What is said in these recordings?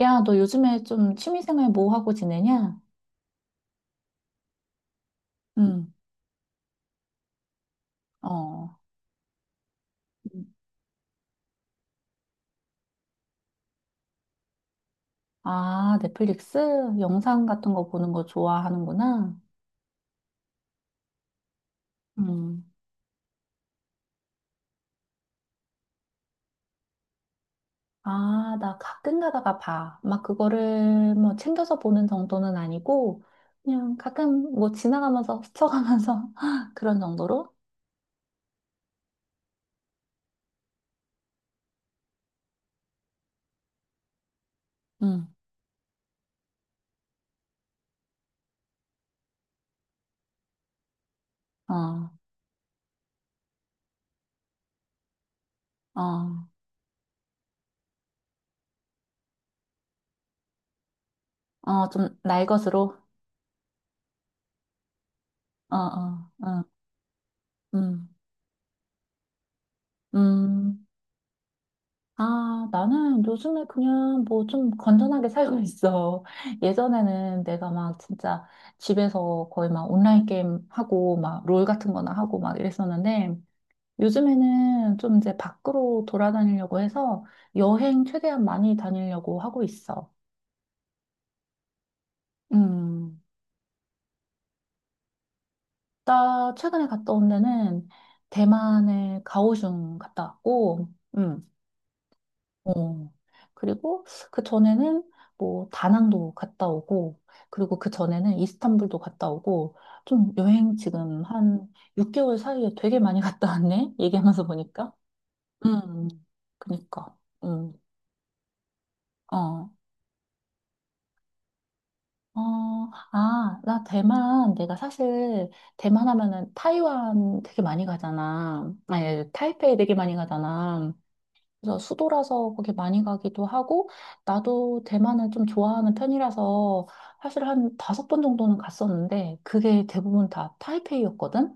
야, 너 요즘에 좀 취미생활 뭐 하고 지내냐? 응, 어. 아, 넷플릭스? 영상 같은 거 보는 거 좋아하는구나. 음. 아, 나 가끔 가다가 봐. 막 그거를 뭐 챙겨서 보는 정도는 아니고, 그냥 가끔 뭐 지나가면서, 스쳐가면서 그런 정도로? 응, 어, 어, 어, 좀 날것으로? 어, 어, 어, 음, 음. 아, 나는 요즘에 그냥 뭐 좀 건전하게 살고 있어. 예전에는 내가 막 진짜 집에서 거의 막 온라인 게임 하고 막 롤 같은 거나 하고 막 이랬었는데, 요즘에는 좀 이제 밖으로 돌아다니려고 해서 여행 최대한 많이 다니려고 하고 있어. 음, 나 최근에 갔다 온 데는 대만의 가오슝 갔다 왔고, 어. 그리고 그 전에는 뭐 다낭도 갔다 오고, 그리고 그 전에는 이스탄불도 갔다 오고, 좀 여행 지금 한 6개월 사이에 되게 많이 갔다 왔네? 얘기하면서 보니까. 음, 그니까. 음, 어. 어, 아, 나 대만, 내가 사실 대만 하면은 타이완 되게 많이 가잖아. 아니, 타이페이 되게 많이 가잖아. 그래서 수도라서 거기 많이 가기도 하고, 나도 대만을 좀 좋아하는 편이라서 사실 한 다섯 번 정도는 갔었는데, 그게 대부분 다 타이페이였거든?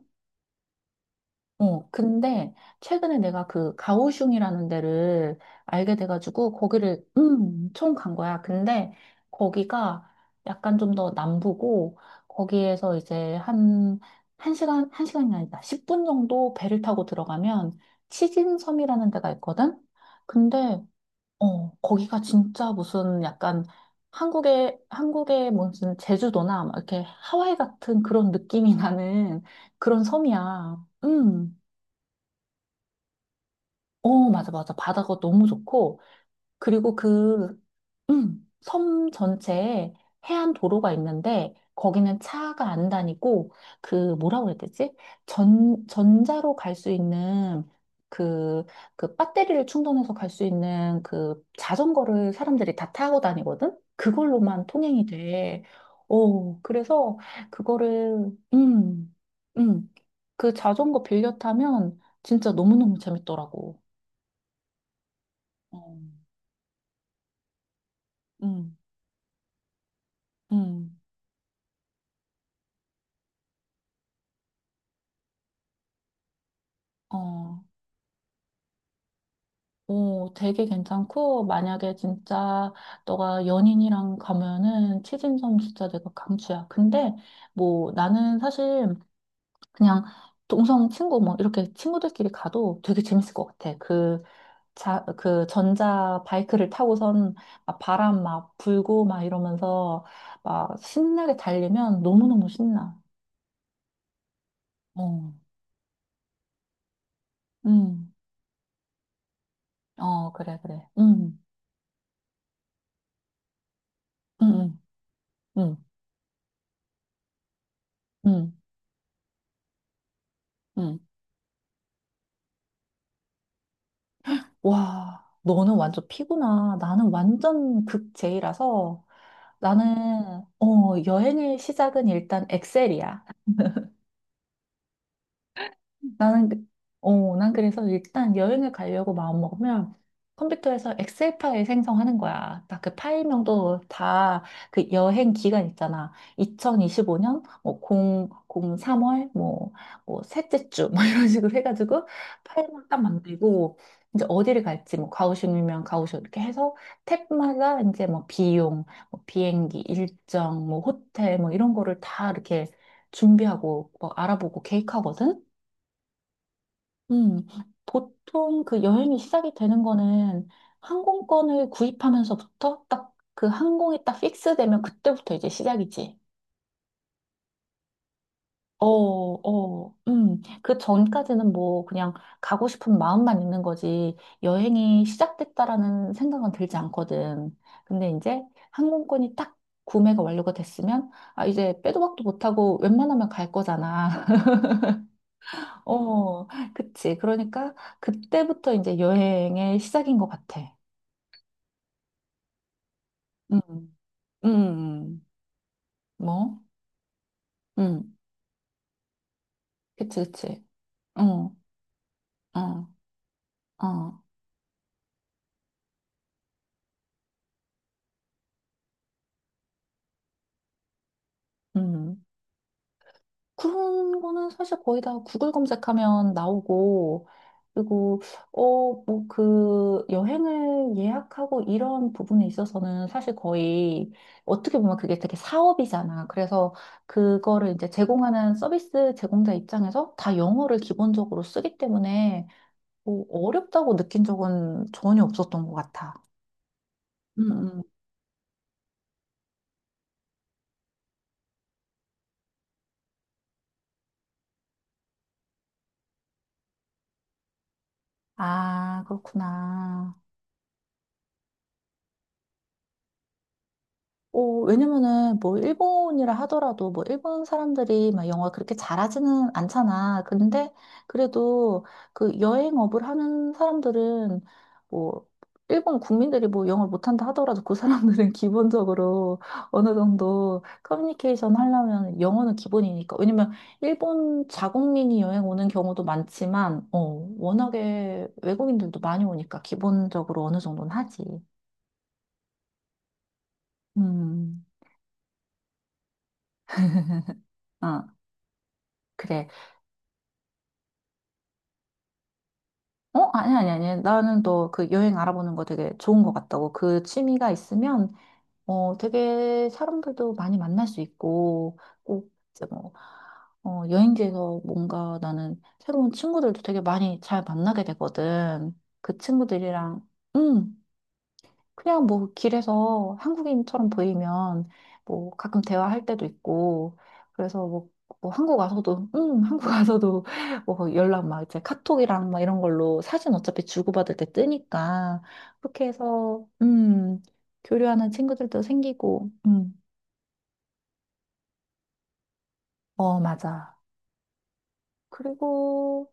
어, 근데 최근에 내가 그 가오슝이라는 데를 알게 돼가지고, 거기를, 엄청 간 거야. 근데 거기가 약간 좀 더 남부고, 거기에서 이제 한 시간, 한 시간이 아니다. 10분 정도 배를 타고 들어가면 치진섬이라는 데가 있거든? 근데 어, 거기가 진짜 무슨 약간 한국의 무슨 제주도나 막 이렇게 하와이 같은 그런 느낌이 나는 그런 섬이야. 음. 어, 맞아, 맞아. 바다가 너무 좋고. 그리고 그 섬 전체에 해안 도로가 있는데 거기는 차가 안 다니고 그 뭐라고 해야 되지? 전 전자로 갈 수 있는 그 그 배터리를 충전해서 갈 수 있는 그 자전거를 사람들이 다 타고 다니거든. 그걸로만 통행이 돼. 어, 그래서 그거를 음. 그 자전거 빌려 타면 진짜 너무너무 재밌더라고. 어, 음. 음. 어. 오, 되게 괜찮고, 만약에 진짜 너가 연인이랑 가면은 치진점 진짜 내가 강추야. 근데 뭐 나는 사실 그냥 동성 친구 뭐 이렇게 친구들끼리 가도 되게 재밌을 것 같아. 그 자, 그 전자 바이크를 타고선 막 바람 막 불고 막 이러면서 막 신나게 달리면 너무너무 신나. 어, 음, 어, 그래, 그래. 음, 음, 음, 음. 음. 와, 너는 완전 피구나. 나는 완전 극제이라서 나는, 어, 여행의 시작은 일단 엑셀이야. 나는, 그- 어, 난 그래서 일단 여행을 가려고 마음먹으면 컴퓨터에서 엑셀 파일 생성하는 거야. 딱 그 파일명도 다 그 여행 기간 있잖아. 2025년, 뭐, 0, 0, 3월, 뭐, 뭐, 셋째 주, 뭐, 이런 식으로 해가지고 파일만 딱 만들고, 이제 어디를 갈지, 뭐, 가오슝이면 가오슝 이렇게 해서 탭마다 이제 뭐, 비용, 뭐 비행기, 일정, 뭐, 호텔, 뭐, 이런 거를 다 이렇게 준비하고, 뭐, 알아보고 계획하거든? 음, 보통 그 여행이 시작이 되는 거는 항공권을 구입하면서부터 딱 그 항공이 딱 픽스되면 그때부터 이제 시작이지. 어, 어, 그 전까지는 뭐 그냥 가고 싶은 마음만 있는 거지 여행이 시작됐다라는 생각은 들지 않거든. 근데 이제 항공권이 딱 구매가 완료가 됐으면 아, 이제 빼도 박도 못하고 웬만하면 갈 거잖아. 어, 그치. 그러니까 그때부터 이제 여행의 시작인 것 같아. 응, 응, 응. 뭐? 응, 그치, 그치. 응, 응, 응, 응. 그런 거는 사실 거의 다 구글 검색하면 나오고, 그리고, 어, 뭐, 그, 여행을 예약하고 이런 부분에 있어서는 사실 거의, 어떻게 보면 그게 되게 사업이잖아. 그래서 그거를 이제 제공하는 서비스 제공자 입장에서 다 영어를 기본적으로 쓰기 때문에, 뭐, 어렵다고 느낀 적은 전혀 없었던 것 같아. 응, 아, 그렇구나. 오, 왜냐면은 뭐 일본이라 하더라도 뭐 일본 사람들이 막 영어 그렇게 잘하지는 않잖아. 근데 그래도 그 여행업을 하는 사람들은 뭐 일본 국민들이 뭐 영어를 못한다 하더라도 그 사람들은 기본적으로 어느 정도 커뮤니케이션 하려면 영어는 기본이니까. 왜냐면 일본 자국민이 여행 오는 경우도 많지만, 어, 워낙에 외국인들도 많이 오니까 기본적으로 어느 정도는 하지. 음, 아, 그래. 어, 아니, 아니, 아니. 나는 너 그 여행 알아보는 거 되게 좋은 것 같다고. 그 취미가 있으면, 어, 되게 사람들도 많이 만날 수 있고, 꼭 이제 뭐, 어, 여행지에서 뭔가 나는 새로운 친구들도 되게 많이 잘 만나게 되거든. 그 친구들이랑, 음, 그냥 뭐 길에서 한국인처럼 보이면 뭐 가끔 대화할 때도 있고 그래서 뭐, 뭐 한국 와서도 한국 와서도. 뭐 연락 막 이제 카톡이랑 막 이런 걸로 사진 어차피 주고받을 때 뜨니까 그렇게 해서 교류하는 친구들도 생기고 음어 맞아. 그리고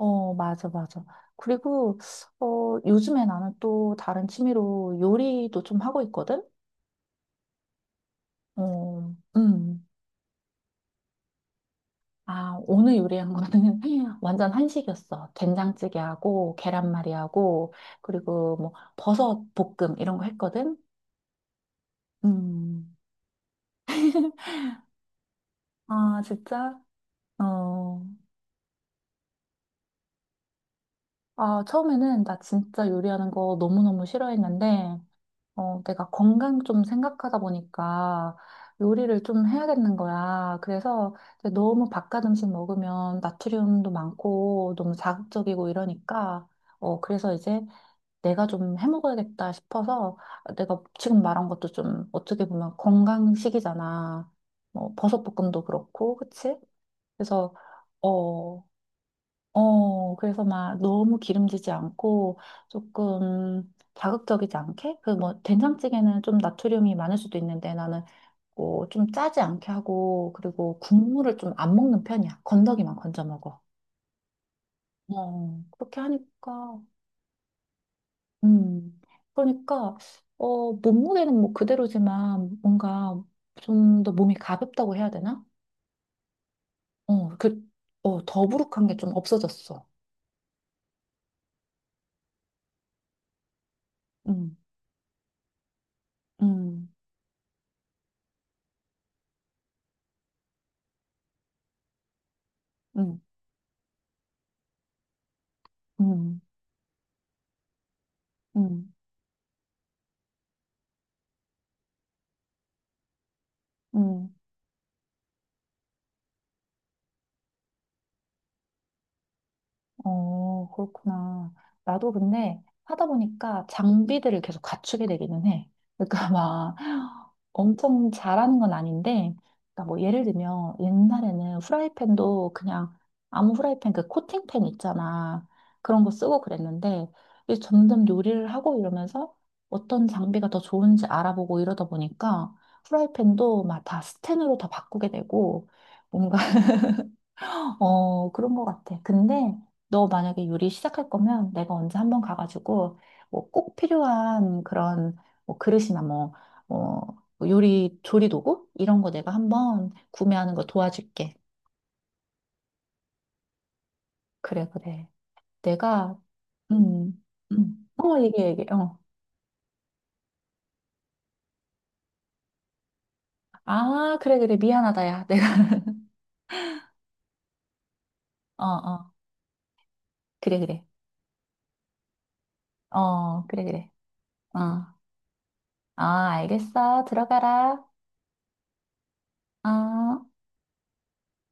음어 맞아, 맞아. 그리고 어 요즘에 나는 또 다른 취미로 요리도 좀 하고 있거든. 어 아, 오늘 요리한 거는 완전 한식이었어. 된장찌개하고 계란말이하고 그리고 뭐 버섯 볶음 이런 거 했거든. 음. 아, 진짜? 어. 아, 처음에는 나 진짜 요리하는 거 너무너무 싫어했는데 어, 내가 건강 좀 생각하다 보니까 요리를 좀 해야겠는 거야. 그래서 이제 너무 바깥 음식 먹으면 나트륨도 많고 너무 자극적이고 이러니까 어, 그래서 이제 내가 좀 해먹어야겠다 싶어서 내가 지금 말한 것도 좀 어떻게 보면 건강식이잖아. 뭐 버섯볶음도 그렇고, 그치? 그래서, 어, 어, 그래서 막 너무 기름지지 않고 조금 자극적이지 않게? 그 뭐 된장찌개는 좀 나트륨이 많을 수도 있는데 나는 뭐 좀 짜지 않게 하고 그리고 국물을 좀 안 먹는 편이야. 건더기만 건져 먹어. 어, 그렇게 하니까. 음, 그러니까, 어, 몸무게는 뭐 그대로지만 뭔가 좀 더 몸이 가볍다고 해야 되나? 어, 그, 어, 더부룩한 게 좀 없어졌어. 음, 음, 음, 음, 음, 음. 어, 그렇구나. 나도 근데 하다 보니까 장비들을 계속 갖추게 되기는 해. 그러니까 막 엄청 잘하는 건 아닌데, 그러니까 뭐 예를 들면 옛날에는 후라이팬도 그냥 아무 후라이팬 그 코팅팬 있잖아. 그런 거 쓰고 그랬는데, 이제 점점 요리를 하고 이러면서 어떤 장비가 더 좋은지 알아보고 이러다 보니까 후라이팬도 막 다 스텐으로 다 바꾸게 되고, 뭔가 어, 그런 것 같아. 근데 너 만약에 요리 시작할 거면 내가 언제 한번 가가지고 뭐 꼭 필요한 그런 뭐 그릇이나 뭐, 어, 뭐 요리 조리 도구 이런 거 내가 한번 구매하는 거 도와줄게. 그래, 그래. 내가 음, 어, 얘기해, 얘기해. 어. 아, 그래, 그래. 미안하다, 야. 내가. 어, 어. 그래, 그래. 어, 그래, 그래. 어. 아, 알겠어. 들어가라. 어.